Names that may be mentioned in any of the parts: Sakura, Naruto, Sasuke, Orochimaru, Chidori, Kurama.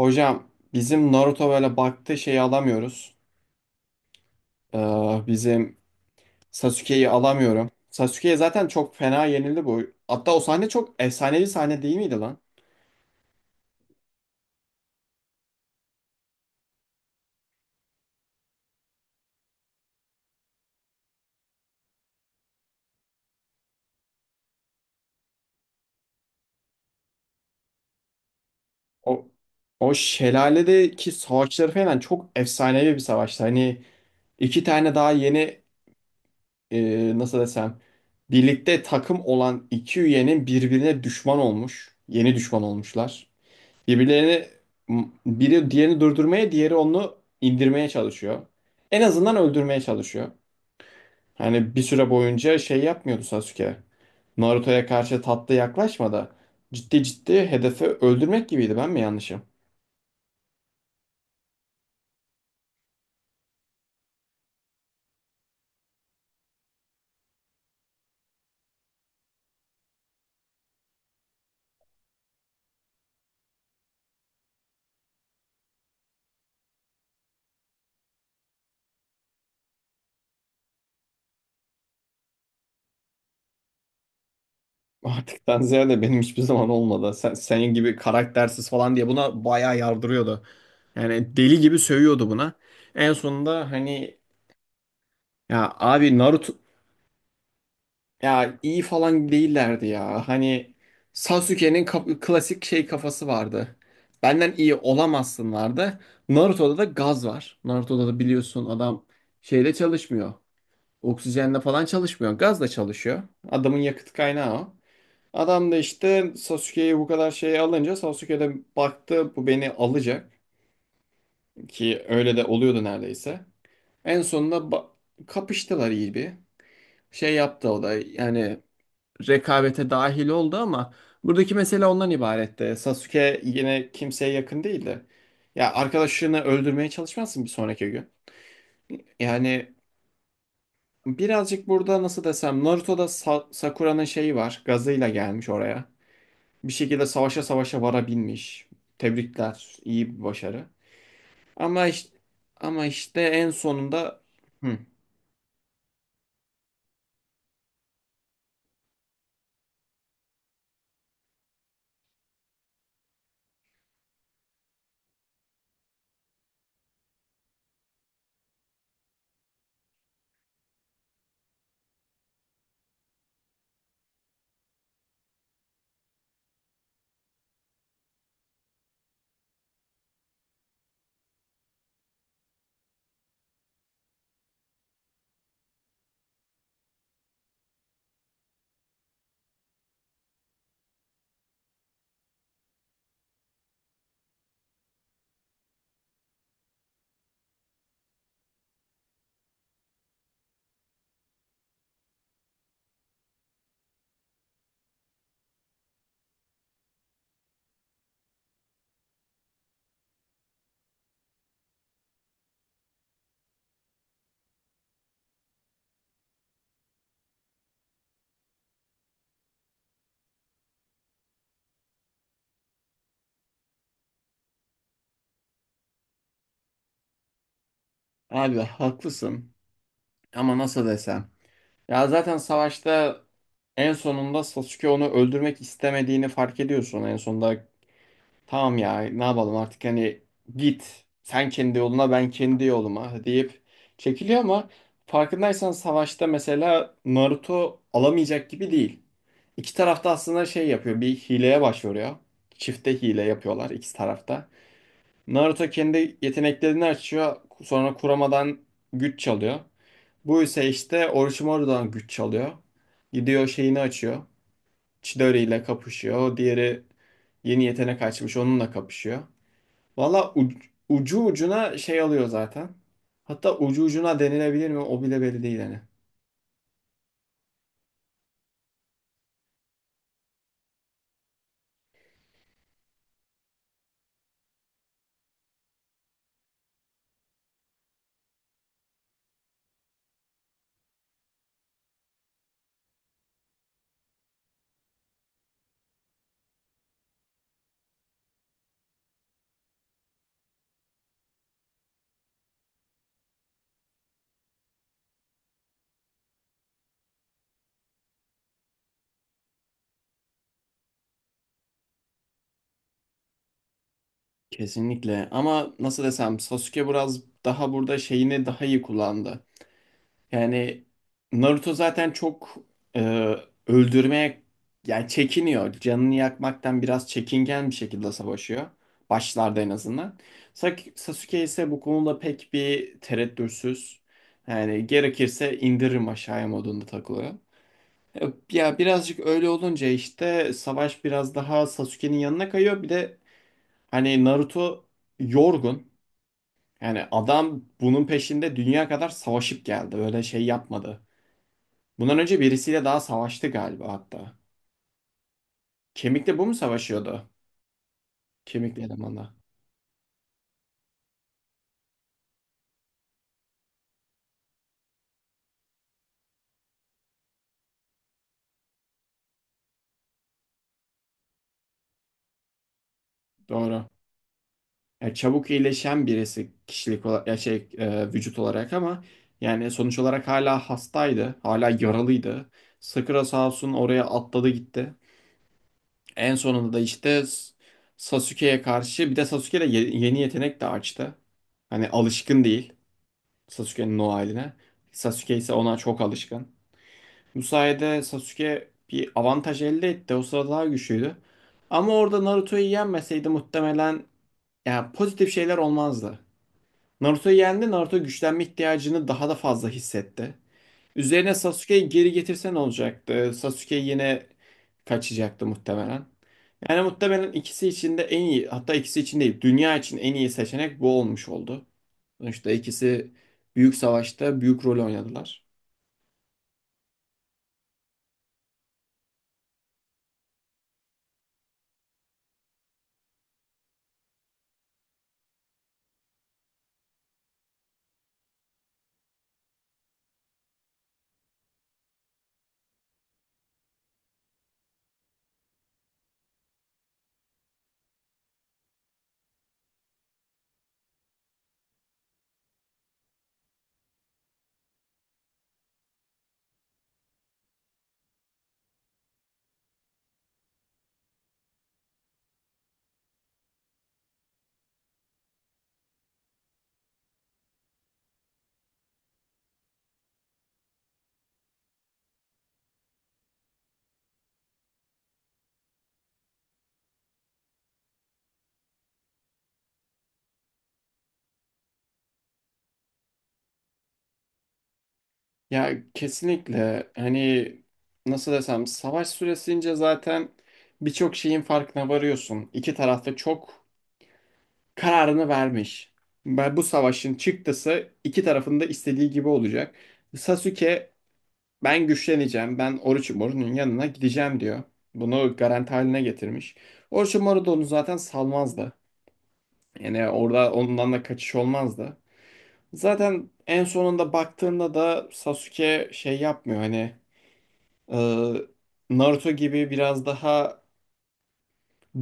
Hocam bizim Naruto böyle baktığı şeyi alamıyoruz. Ee, bizim Sasuke'yi alamıyorum. Sasuke'ye zaten çok fena yenildi bu. Hatta o sahne çok efsanevi sahne değil miydi lan? O o şelaledeki savaşları falan çok efsanevi bir savaştı. Hani iki tane daha yeni nasıl desem birlikte takım olan iki üyenin birbirine düşman olmuş. Yeni düşman olmuşlar. Birbirlerini biri diğerini durdurmaya, diğeri onu indirmeye çalışıyor. En azından öldürmeye çalışıyor. Hani bir süre boyunca şey yapmıyordu Sasuke. Naruto'ya karşı tatlı yaklaşmadı. Ciddi ciddi hedefi öldürmek gibiydi. Ben mi yanlışım? Artıktan ziyade benim hiçbir zaman olmadı. Senin gibi karaktersiz falan diye buna bayağı yardırıyordu. Yani deli gibi sövüyordu buna. En sonunda hani ya abi Naruto. Ya iyi falan değillerdi ya. Hani klasik şey kafası vardı. Benden iyi olamazsın vardı. Naruto'da da gaz var. Naruto'da da biliyorsun adam şeyle çalışmıyor. Oksijenle falan çalışmıyor. Gazla çalışıyor. Adamın yakıt kaynağı o. Adam da işte Sasuke'yi bu kadar şey alınca Sasuke de baktı bu beni alacak. Ki öyle de oluyordu neredeyse. En sonunda kapıştılar iyi bir. Şey yaptı o da yani rekabete dahil oldu ama buradaki mesele ondan ibaretti. Sasuke yine kimseye yakın değildi. Ya arkadaşını öldürmeye çalışmazsın bir sonraki gün. Yani birazcık burada nasıl desem Naruto'da Sakura'nın şeyi var. Gazıyla gelmiş oraya. Bir şekilde savaşa savaşa varabilmiş. Tebrikler. İyi bir başarı. Ama işte, ama işte en sonunda hı, abi haklısın. Ama nasıl desem. Ya zaten savaşta en sonunda Sasuke onu öldürmek istemediğini fark ediyorsun en sonunda. Tamam ya ne yapalım artık hani git sen kendi yoluna ben kendi yoluma deyip çekiliyor ama farkındaysan savaşta mesela Naruto alamayacak gibi değil. İki tarafta aslında şey yapıyor bir hileye başvuruyor. Çifte hile yapıyorlar iki tarafta. Naruto kendi yeteneklerini açıyor sonra Kurama'dan güç çalıyor. Bu ise işte Orochimaru'dan güç çalıyor. Gidiyor şeyini açıyor. Chidori ile kapışıyor. O diğeri yeni yetenek açmış onunla kapışıyor. Valla ucu ucuna şey alıyor zaten. Hatta ucu ucuna denilebilir mi o bile belli değil hani. Kesinlikle ama nasıl desem Sasuke biraz daha burada şeyini daha iyi kullandı. Yani Naruto zaten çok e, öldürmeye yani çekiniyor. Canını yakmaktan biraz çekingen bir şekilde savaşıyor. Başlarda en azından. Sasuke ise bu konuda pek bir tereddütsüz. Yani gerekirse indiririm aşağıya modunda takılıyor. E, Ya birazcık öyle olunca işte savaş biraz daha Sasuke'nin yanına kayıyor. Bir de hani Naruto yorgun. Yani adam bunun peşinde dünya kadar savaşıp geldi. Öyle şey yapmadı. Bundan önce birisiyle daha savaştı galiba hatta. Kemikle bu mu savaşıyordu? Kemikli elemanla. Doğru. Yani çabuk iyileşen birisi kişilik olarak, ya şey vücut olarak ama yani sonuç olarak hala hastaydı. Hala yaralıydı. Sakura sağ olsun oraya atladı gitti. En sonunda da işte Sasuke'ye karşı bir de Sasuke de yeni yetenek de açtı. Hani alışkın değil Sasuke'nin o haline. Sasuke ise ona çok alışkın. Bu sayede Sasuke bir avantaj elde etti. O sırada daha güçlüydü. Ama orada Naruto'yu yenmeseydi muhtemelen yani pozitif şeyler olmazdı. Naruto'yu yendi. Naruto güçlenme ihtiyacını daha da fazla hissetti. Üzerine Sasuke'yi geri getirse ne olacaktı? Sasuke yine kaçacaktı muhtemelen. Yani muhtemelen ikisi için de en iyi, hatta ikisi için değil, dünya için en iyi seçenek bu olmuş oldu. Sonuçta ikisi büyük savaşta büyük rol oynadılar. Ya kesinlikle hani nasıl desem savaş süresince zaten birçok şeyin farkına varıyorsun. İki tarafta çok kararını vermiş. Ben bu savaşın çıktısı iki tarafın da istediği gibi olacak. Sasuke ben güçleneceğim. Ben Orochimaru'nun yanına gideceğim diyor. Bunu garanti haline getirmiş. Orochimaru da onu zaten salmazdı. Yani orada ondan da kaçış olmazdı. Zaten en sonunda baktığında da Sasuke şey yapmıyor hani e, Naruto gibi biraz daha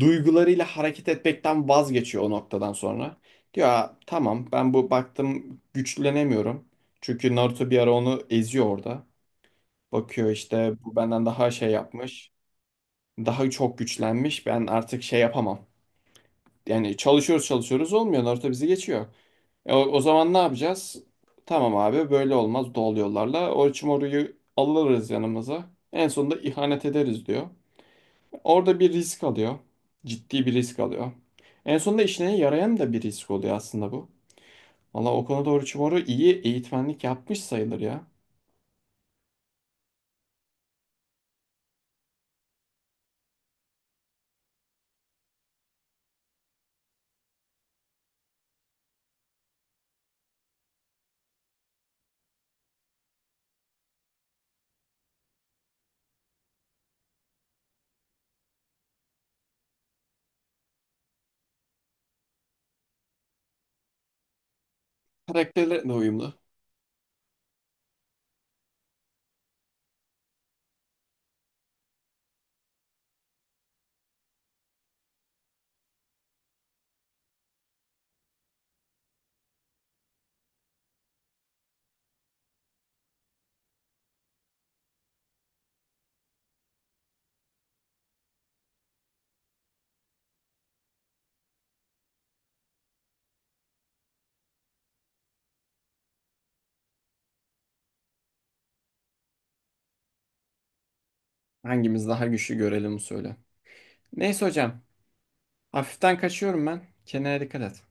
duygularıyla hareket etmekten vazgeçiyor o noktadan sonra. Diyor "Aa, tamam ben bu baktım güçlenemiyorum. Çünkü Naruto bir ara onu eziyor orada. Bakıyor işte bu benden daha şey yapmış. Daha çok güçlenmiş. Ben artık şey yapamam. Yani çalışıyoruz çalışıyoruz olmuyor. Naruto bizi geçiyor. O zaman ne yapacağız? Tamam abi böyle olmaz doğal yollarla. Orochimaru'yu alırız yanımıza. En sonunda ihanet ederiz diyor. Orada bir risk alıyor. Ciddi bir risk alıyor. En sonunda işine yarayan da bir risk oluyor aslında bu. Valla o konuda Orochimaru iyi eğitmenlik yapmış sayılır ya. Karakterler de uyumlu. Hangimiz daha güçlü görelim söyle. Neyse hocam. Hafiften kaçıyorum ben. Kendine dikkat et.